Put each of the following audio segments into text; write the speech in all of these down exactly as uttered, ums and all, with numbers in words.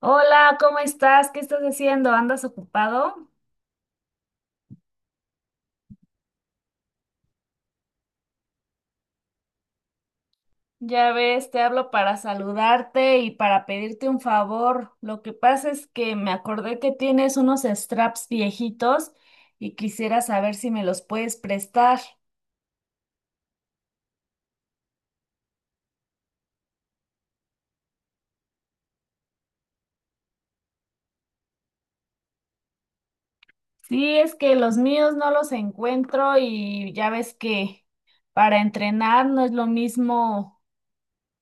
Hola, ¿cómo estás? ¿Qué estás haciendo? ¿Andas ocupado? Ya ves, te hablo para saludarte y para pedirte un favor. Lo que pasa es que me acordé que tienes unos straps viejitos y quisiera saber si me los puedes prestar. Sí, es que los míos no los encuentro y ya ves que para entrenar no es lo mismo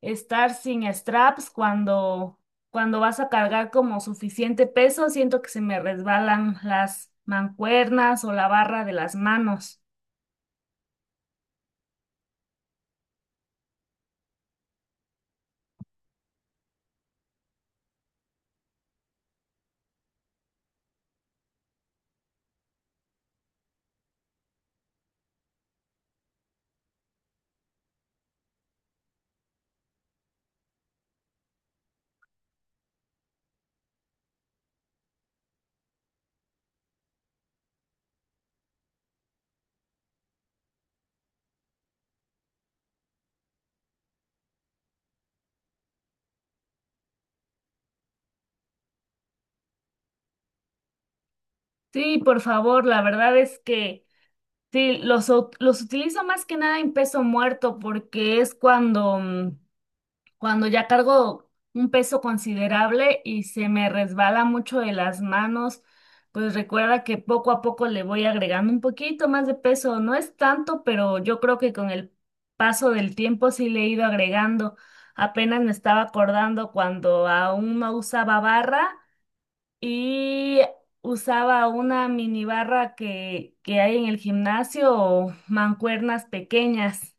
estar sin straps cuando, cuando vas a cargar como suficiente peso, siento que se me resbalan las mancuernas o la barra de las manos. Sí, por favor, la verdad es que sí, los, ut- los utilizo más que nada en peso muerto porque es cuando mm, cuando ya cargo un peso considerable y se me resbala mucho de las manos, pues recuerda que poco a poco le voy agregando un poquito más de peso. No es tanto, pero yo creo que con el paso del tiempo sí le he ido agregando. Apenas me estaba acordando cuando aún no usaba barra y usaba una mini barra que, que hay en el gimnasio o mancuernas pequeñas.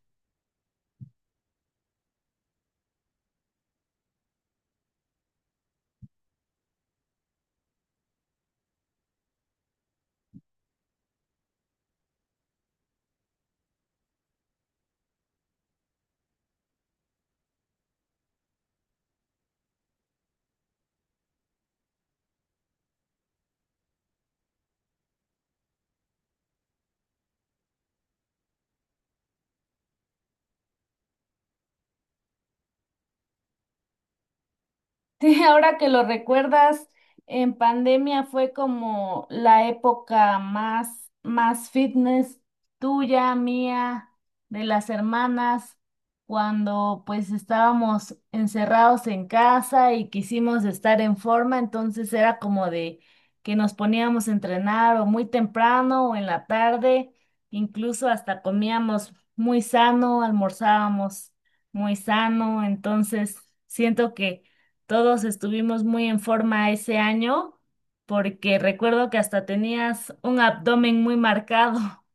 Sí, ahora que lo recuerdas, en pandemia fue como la época más, más fitness tuya, mía, de las hermanas, cuando pues estábamos encerrados en casa y quisimos estar en forma, entonces era como de que nos poníamos a entrenar o muy temprano o en la tarde, incluso hasta comíamos muy sano, almorzábamos muy sano, entonces siento que todos estuvimos muy en forma ese año porque recuerdo que hasta tenías un abdomen muy marcado.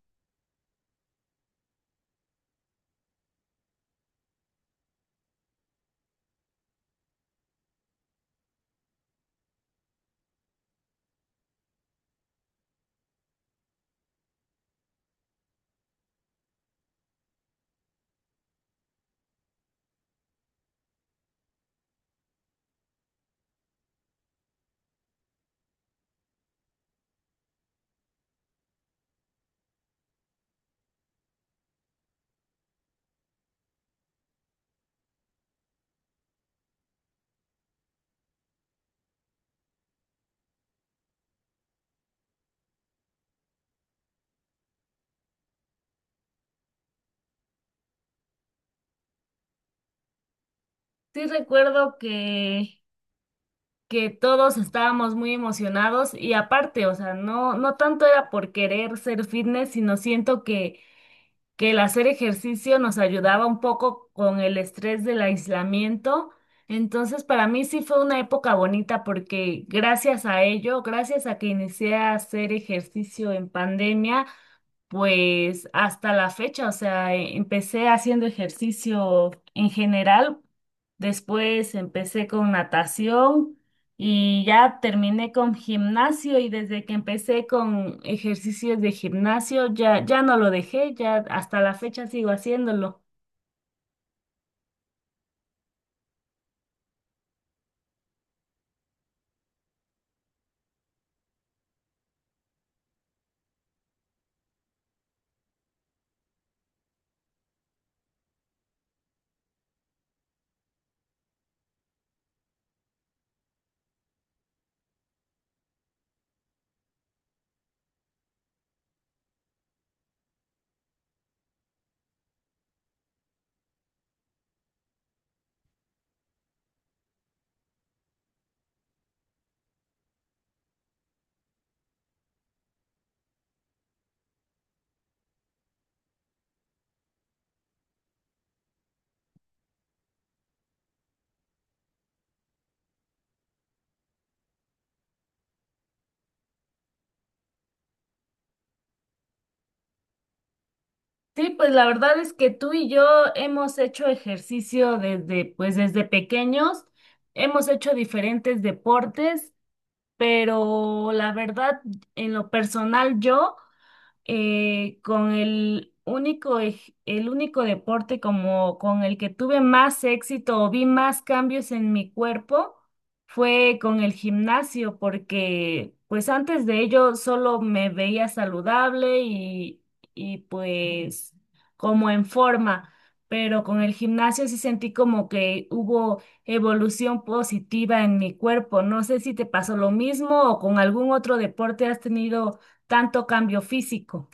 Sí, recuerdo que, que todos estábamos muy emocionados y aparte, o sea, no, no tanto era por querer ser fitness, sino siento que, que el hacer ejercicio nos ayudaba un poco con el estrés del aislamiento. Entonces, para mí sí fue una época bonita porque gracias a ello, gracias a que inicié a hacer ejercicio en pandemia, pues hasta la fecha, o sea, e- empecé haciendo ejercicio en general, después empecé con natación y ya terminé con gimnasio y desde que empecé con ejercicios de gimnasio ya, ya no lo dejé, ya hasta la fecha sigo haciéndolo. Sí, pues la verdad es que tú y yo hemos hecho ejercicio desde, pues desde pequeños, hemos hecho diferentes deportes. Pero la verdad, en lo personal, yo, eh, con el único, ej- el único deporte como con el que tuve más éxito o vi más cambios en mi cuerpo fue con el gimnasio, porque pues antes de ello solo me veía saludable y, y pues como en forma. Pero con el gimnasio sí sentí como que hubo evolución positiva en mi cuerpo. No sé si te pasó lo mismo o con algún otro deporte has tenido tanto cambio físico.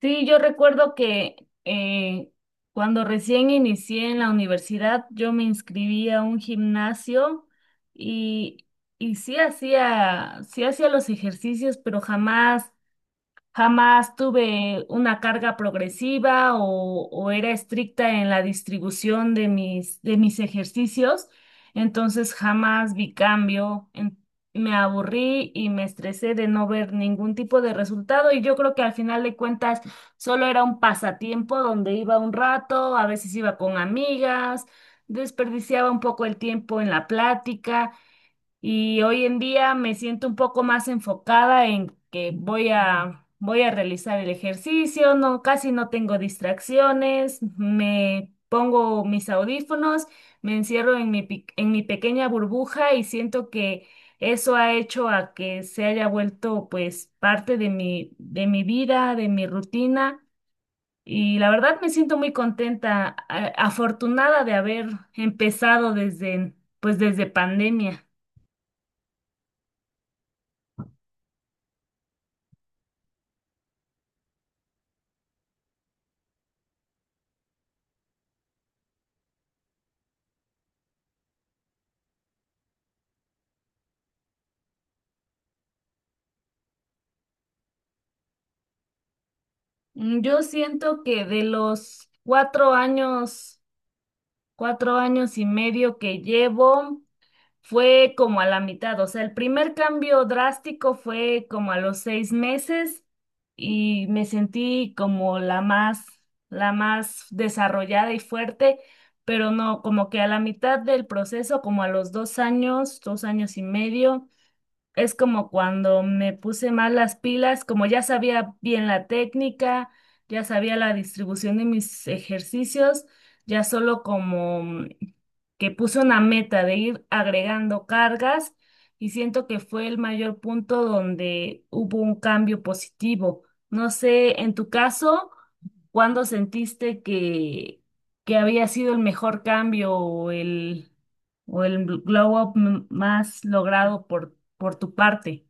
Sí, yo recuerdo que eh, cuando recién inicié en la universidad, yo me inscribí a un gimnasio y, y sí hacía, sí hacía los ejercicios, pero jamás jamás tuve una carga progresiva o, o era estricta en la distribución de mis, de mis ejercicios, entonces jamás vi cambio. En- me aburrí y me estresé de no ver ningún tipo de resultado y yo creo que al final de cuentas solo era un pasatiempo donde iba un rato, a veces iba con amigas, desperdiciaba un poco el tiempo en la plática y hoy en día me siento un poco más enfocada en que voy a, voy a realizar el ejercicio, no, casi no tengo distracciones, me pongo mis audífonos, me encierro en mi, pi- en mi pequeña burbuja y siento que eso ha hecho a que se haya vuelto pues parte de mi, de mi vida, de mi rutina. Y la verdad me siento muy contenta, a- afortunada de haber empezado desde, pues desde pandemia. Mm, Yo siento que de los cuatro años, cuatro años y medio que llevo, fue como a la mitad. O sea, el primer cambio drástico fue como a los seis meses y me sentí como la más, la más desarrollada y fuerte, pero no, como que a la mitad del proceso, como a los dos años, dos años y medio. Es como cuando me puse mal las pilas, como ya sabía bien la técnica, ya sabía la distribución de mis ejercicios, ya solo como mm, que puse una meta de ir agregando cargas y siento que fue el mayor punto donde hubo un cambio positivo. No sé, en tu caso, ¿cuándo sentiste que, que había sido el mejor cambio o el, o el glow up m- más logrado por ti? ¿Por tu parte?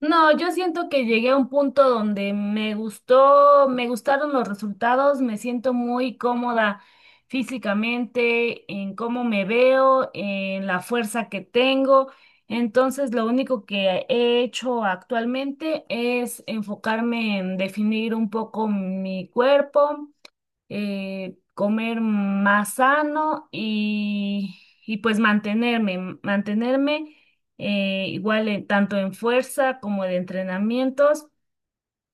No, yo siento que llegué a un punto donde me gustó, me gustaron los resultados, me siento muy cómoda físicamente, en cómo me veo, en la fuerza que tengo. Entonces, lo único que he hecho actualmente es enfocarme en definir un poco mi cuerpo, eh, comer más sano y, y pues mantenerme, mantenerme, eh, igual, en- tanto en fuerza como de entrenamientos.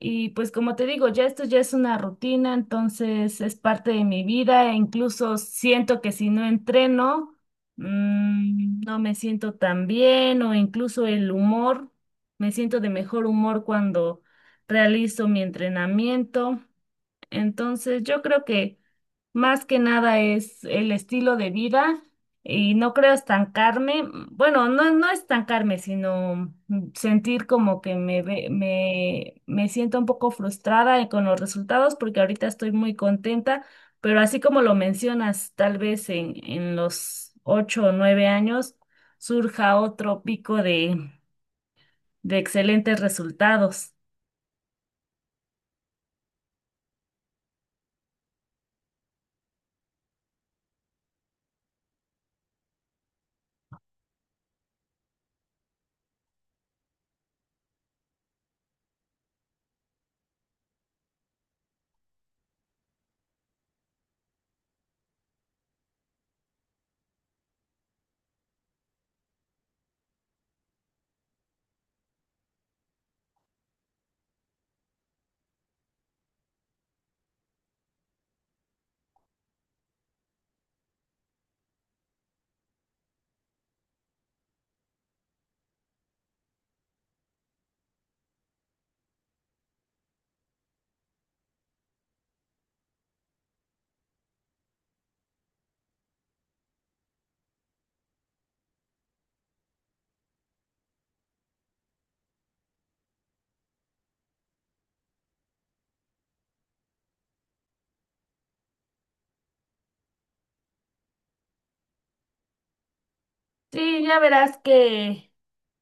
Y pues como te digo, ya esto ya es una rutina, entonces es parte de mi vida e incluso siento que si no entreno, mm, no me siento tan bien o incluso el humor, me siento de mejor humor cuando realizo mi entrenamiento. Entonces yo creo que más que nada es el estilo de vida y no creo estancarme, bueno, no, no estancarme, sino sentir como que me, ve- me, me siento un poco frustrada con los resultados porque ahorita estoy muy contenta, pero así como lo mencionas, tal vez en, en los ocho o nueve años surja otro pico de, de excelentes resultados. Sí, ya verás que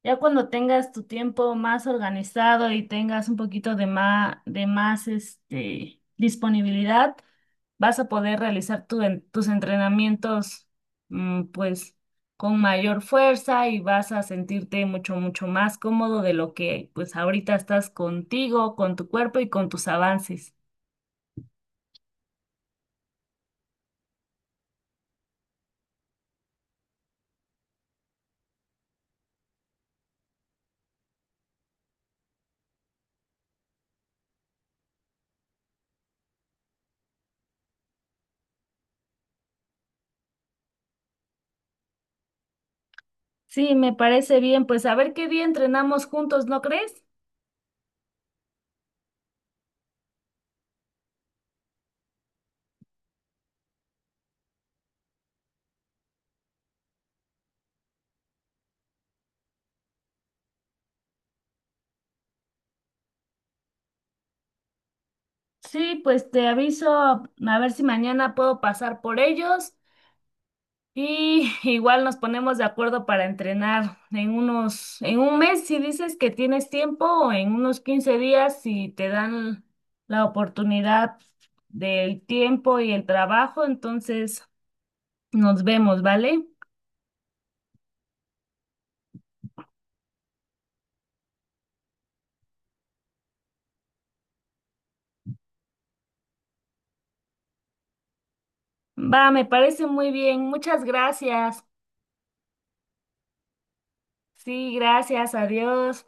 ya cuando tengas tu tiempo más organizado y tengas un poquito de más, de más este, disponibilidad, vas a poder realizar tu en- tus entrenamientos, mm, pues con mayor fuerza y vas a sentirte mucho, mucho más cómodo de lo que pues ahorita estás contigo, con tu cuerpo y con tus avances. Sí, me parece bien, pues a ver qué día entrenamos juntos, ¿no crees? Sí, pues te aviso a ver si mañana puedo pasar por ellos y igual nos ponemos de acuerdo para entrenar en unos, en un mes si dices que tienes tiempo o en unos quince días si te dan la oportunidad del tiempo y el trabajo, entonces nos vemos, ¿vale? Va, me parece muy bien. Muchas gracias. Sí, gracias. Adiós.